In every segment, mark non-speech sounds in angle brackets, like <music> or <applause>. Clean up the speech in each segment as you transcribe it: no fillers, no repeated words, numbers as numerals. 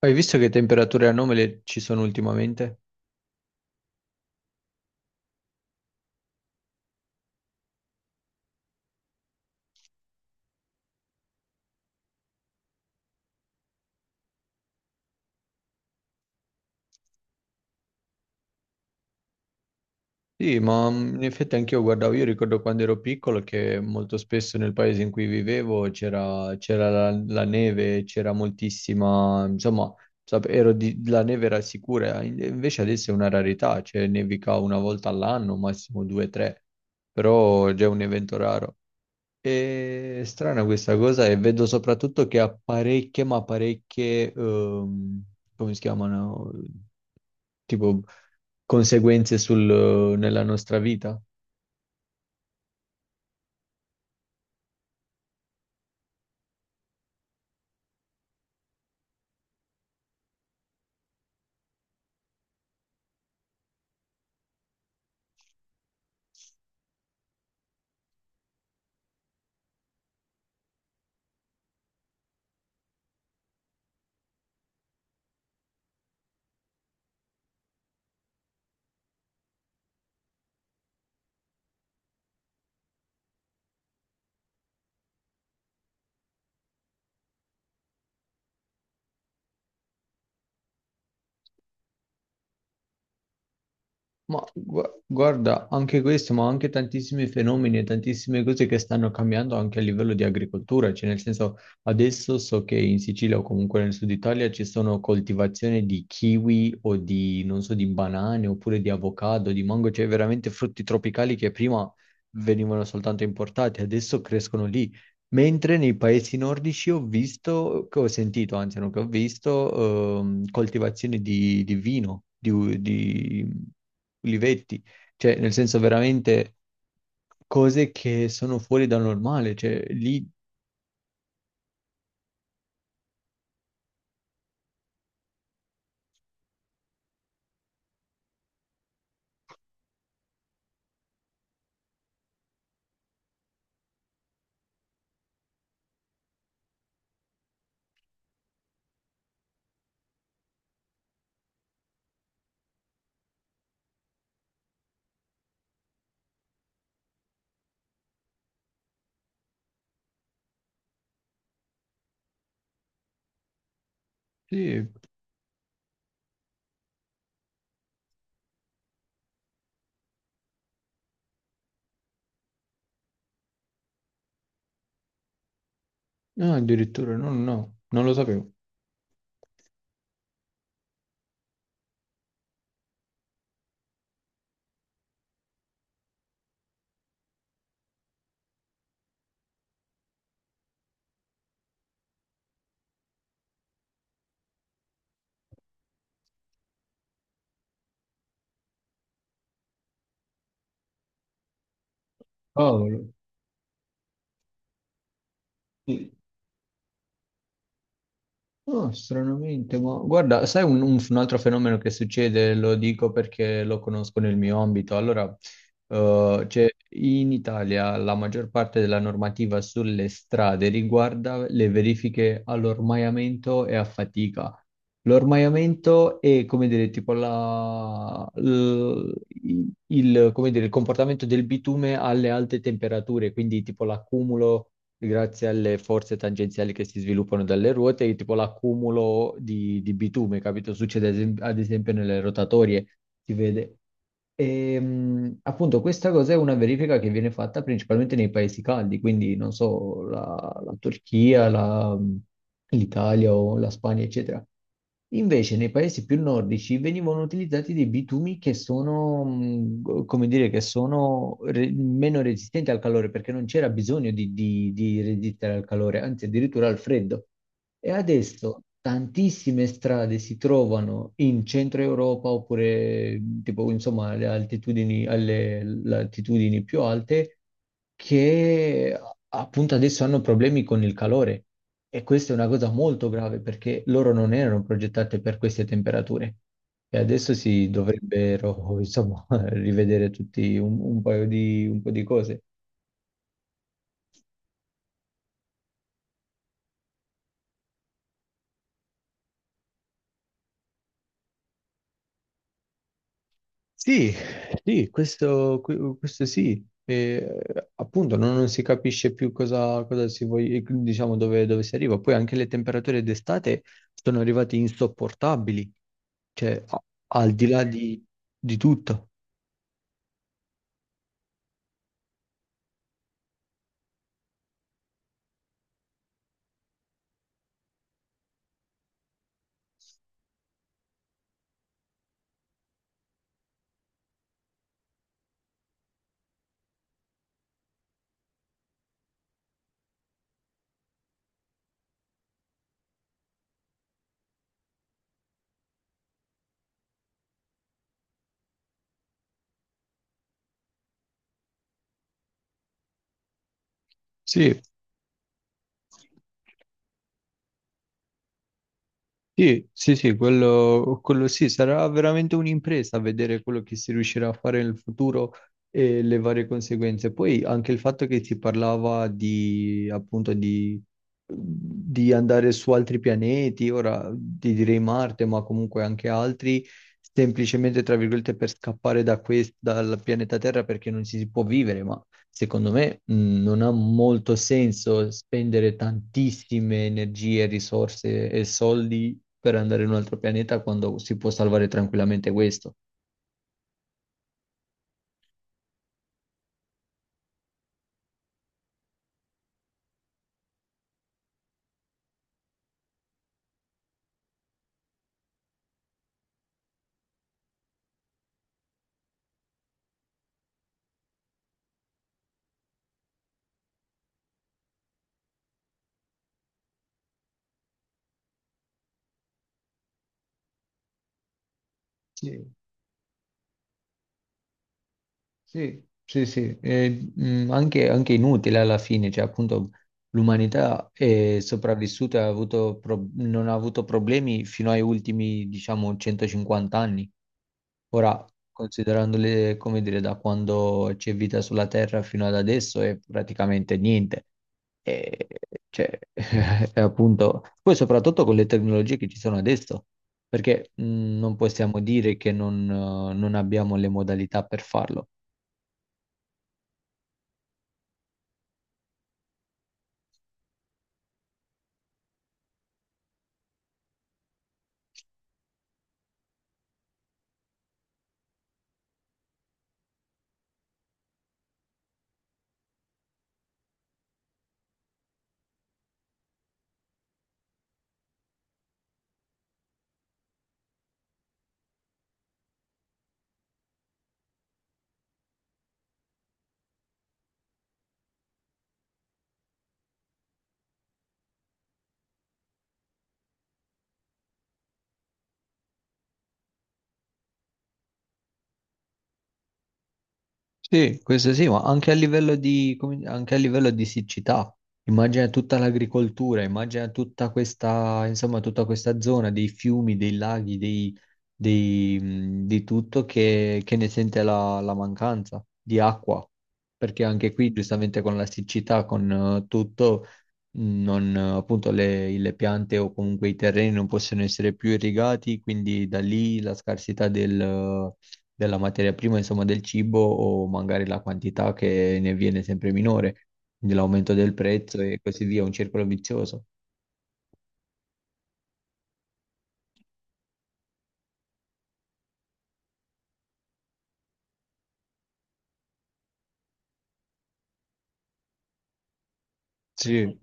Hai visto che temperature anomale ci sono ultimamente? Sì, ma in effetti anch'io guardavo. Io ricordo quando ero piccolo che molto spesso nel paese in cui vivevo c'era la neve, c'era moltissima, insomma, la neve era sicura, invece adesso è una rarità, cioè nevica una volta all'anno, massimo due o tre, però è già un evento raro. È strana questa cosa, e vedo soprattutto che ha parecchie, ma parecchie, come si chiamano? Tipo conseguenze nella nostra vita. Ma guarda, anche questo, ma anche tantissimi fenomeni e tantissime cose che stanno cambiando anche a livello di agricoltura, cioè nel senso adesso so che in Sicilia o comunque nel sud Italia ci sono coltivazioni di kiwi o di, non so, di banane oppure di avocado, di mango, cioè veramente frutti tropicali che prima venivano soltanto importati, adesso crescono lì. Mentre nei paesi nordici ho visto, che ho sentito, anzi non che ho visto, coltivazioni di vino, di, di ulivetti, cioè nel senso veramente cose che sono fuori dal normale, cioè lì, sì, no, addirittura, no, no, no, non lo sapevo. Cavolo. Oh, stranamente, ma guarda, sai un, un altro fenomeno che succede, lo dico perché lo conosco nel mio ambito. Allora, cioè, in Italia la maggior parte della normativa sulle strade riguarda le verifiche all'ormaiamento e a fatica. L'ormaiamento è, come dire, tipo il, come dire, il comportamento del bitume alle alte temperature, quindi tipo l'accumulo grazie alle forze tangenziali che si sviluppano dalle ruote, e tipo l'accumulo di bitume, capito? Succede ad esempio nelle rotatorie, si vede. E, appunto questa cosa è una verifica che viene fatta principalmente nei paesi caldi, quindi non so, la, la Turchia, l'Italia o la Spagna, eccetera. Invece nei paesi più nordici venivano utilizzati dei bitumi che sono, come dire, che sono meno resistenti al calore, perché non c'era bisogno di, di resistere al calore, anzi addirittura al freddo. E adesso tantissime strade si trovano in centro Europa oppure tipo, insomma, alle altitudini, alle le altitudini più alte che appunto adesso hanno problemi con il calore. E questa è una cosa molto grave, perché loro non erano progettate per queste temperature. E adesso si dovrebbero, insomma, <laughs> rivedere tutti un paio di, un po' di cose. Sì, sì, questo, questo sì. E, appunto, non, non si capisce più cosa, cosa si voglia, diciamo, dove, dove si arriva. Poi anche le temperature d'estate sono arrivate insopportabili, cioè al di là di tutto. Sì. Sì, sì, sì, quello sì, sarà veramente un'impresa vedere quello che si riuscirà a fare nel futuro e le varie conseguenze. Poi anche il fatto che si parlava di, appunto, di andare su altri pianeti, ora ti direi Marte, ma comunque anche altri, semplicemente, tra virgolette, per scappare da dal pianeta Terra perché non ci si può vivere, ma secondo me, non ha molto senso spendere tantissime energie, risorse e soldi per andare in un altro pianeta quando si può salvare tranquillamente questo. Sì. Sì, sì, sì, anche, anche inutile alla fine, cioè appunto l'umanità è sopravvissuta, e ha avuto non ha avuto problemi fino ai ultimi, diciamo, 150 anni. Ora, considerandole, come dire, da quando c'è vita sulla Terra fino ad adesso, è praticamente niente. E, cioè, <laughs> è appunto, poi soprattutto con le tecnologie che ci sono adesso, perché non possiamo dire che non non abbiamo le modalità per farlo. Sì, questo sì, ma anche a livello di, anche a livello di siccità, immagina tutta l'agricoltura, immagina tutta questa, insomma, tutta questa zona dei fiumi, dei laghi, dei, di tutto che ne sente la, la mancanza di acqua, perché anche qui, giustamente, con la siccità, con tutto, non, appunto, le piante o comunque i terreni non possono essere più irrigati, quindi da lì la scarsità della materia prima, insomma del cibo, o magari la quantità che ne viene sempre minore, quindi l'aumento del prezzo e così via, un circolo vizioso. Sì.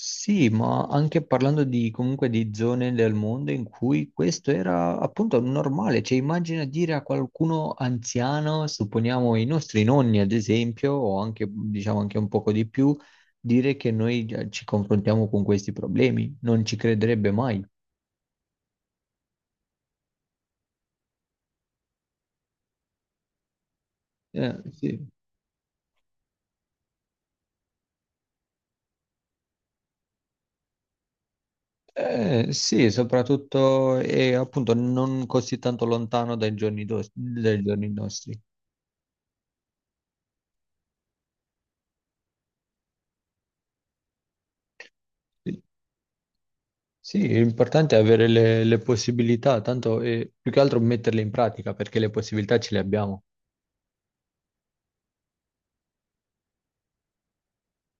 Sì, ma anche parlando di, comunque di zone del mondo in cui questo era appunto normale, cioè immagina dire a qualcuno anziano, supponiamo i nostri nonni ad esempio, o anche diciamo anche un poco di più, dire che noi già ci confrontiamo con questi problemi, non ci crederebbe mai. Sì. Sì, soprattutto e appunto non così tanto lontano dai giorni, dai giorni nostri. Sì, l'importante è avere le possibilità, tanto più che altro metterle in pratica, perché le possibilità ce le abbiamo.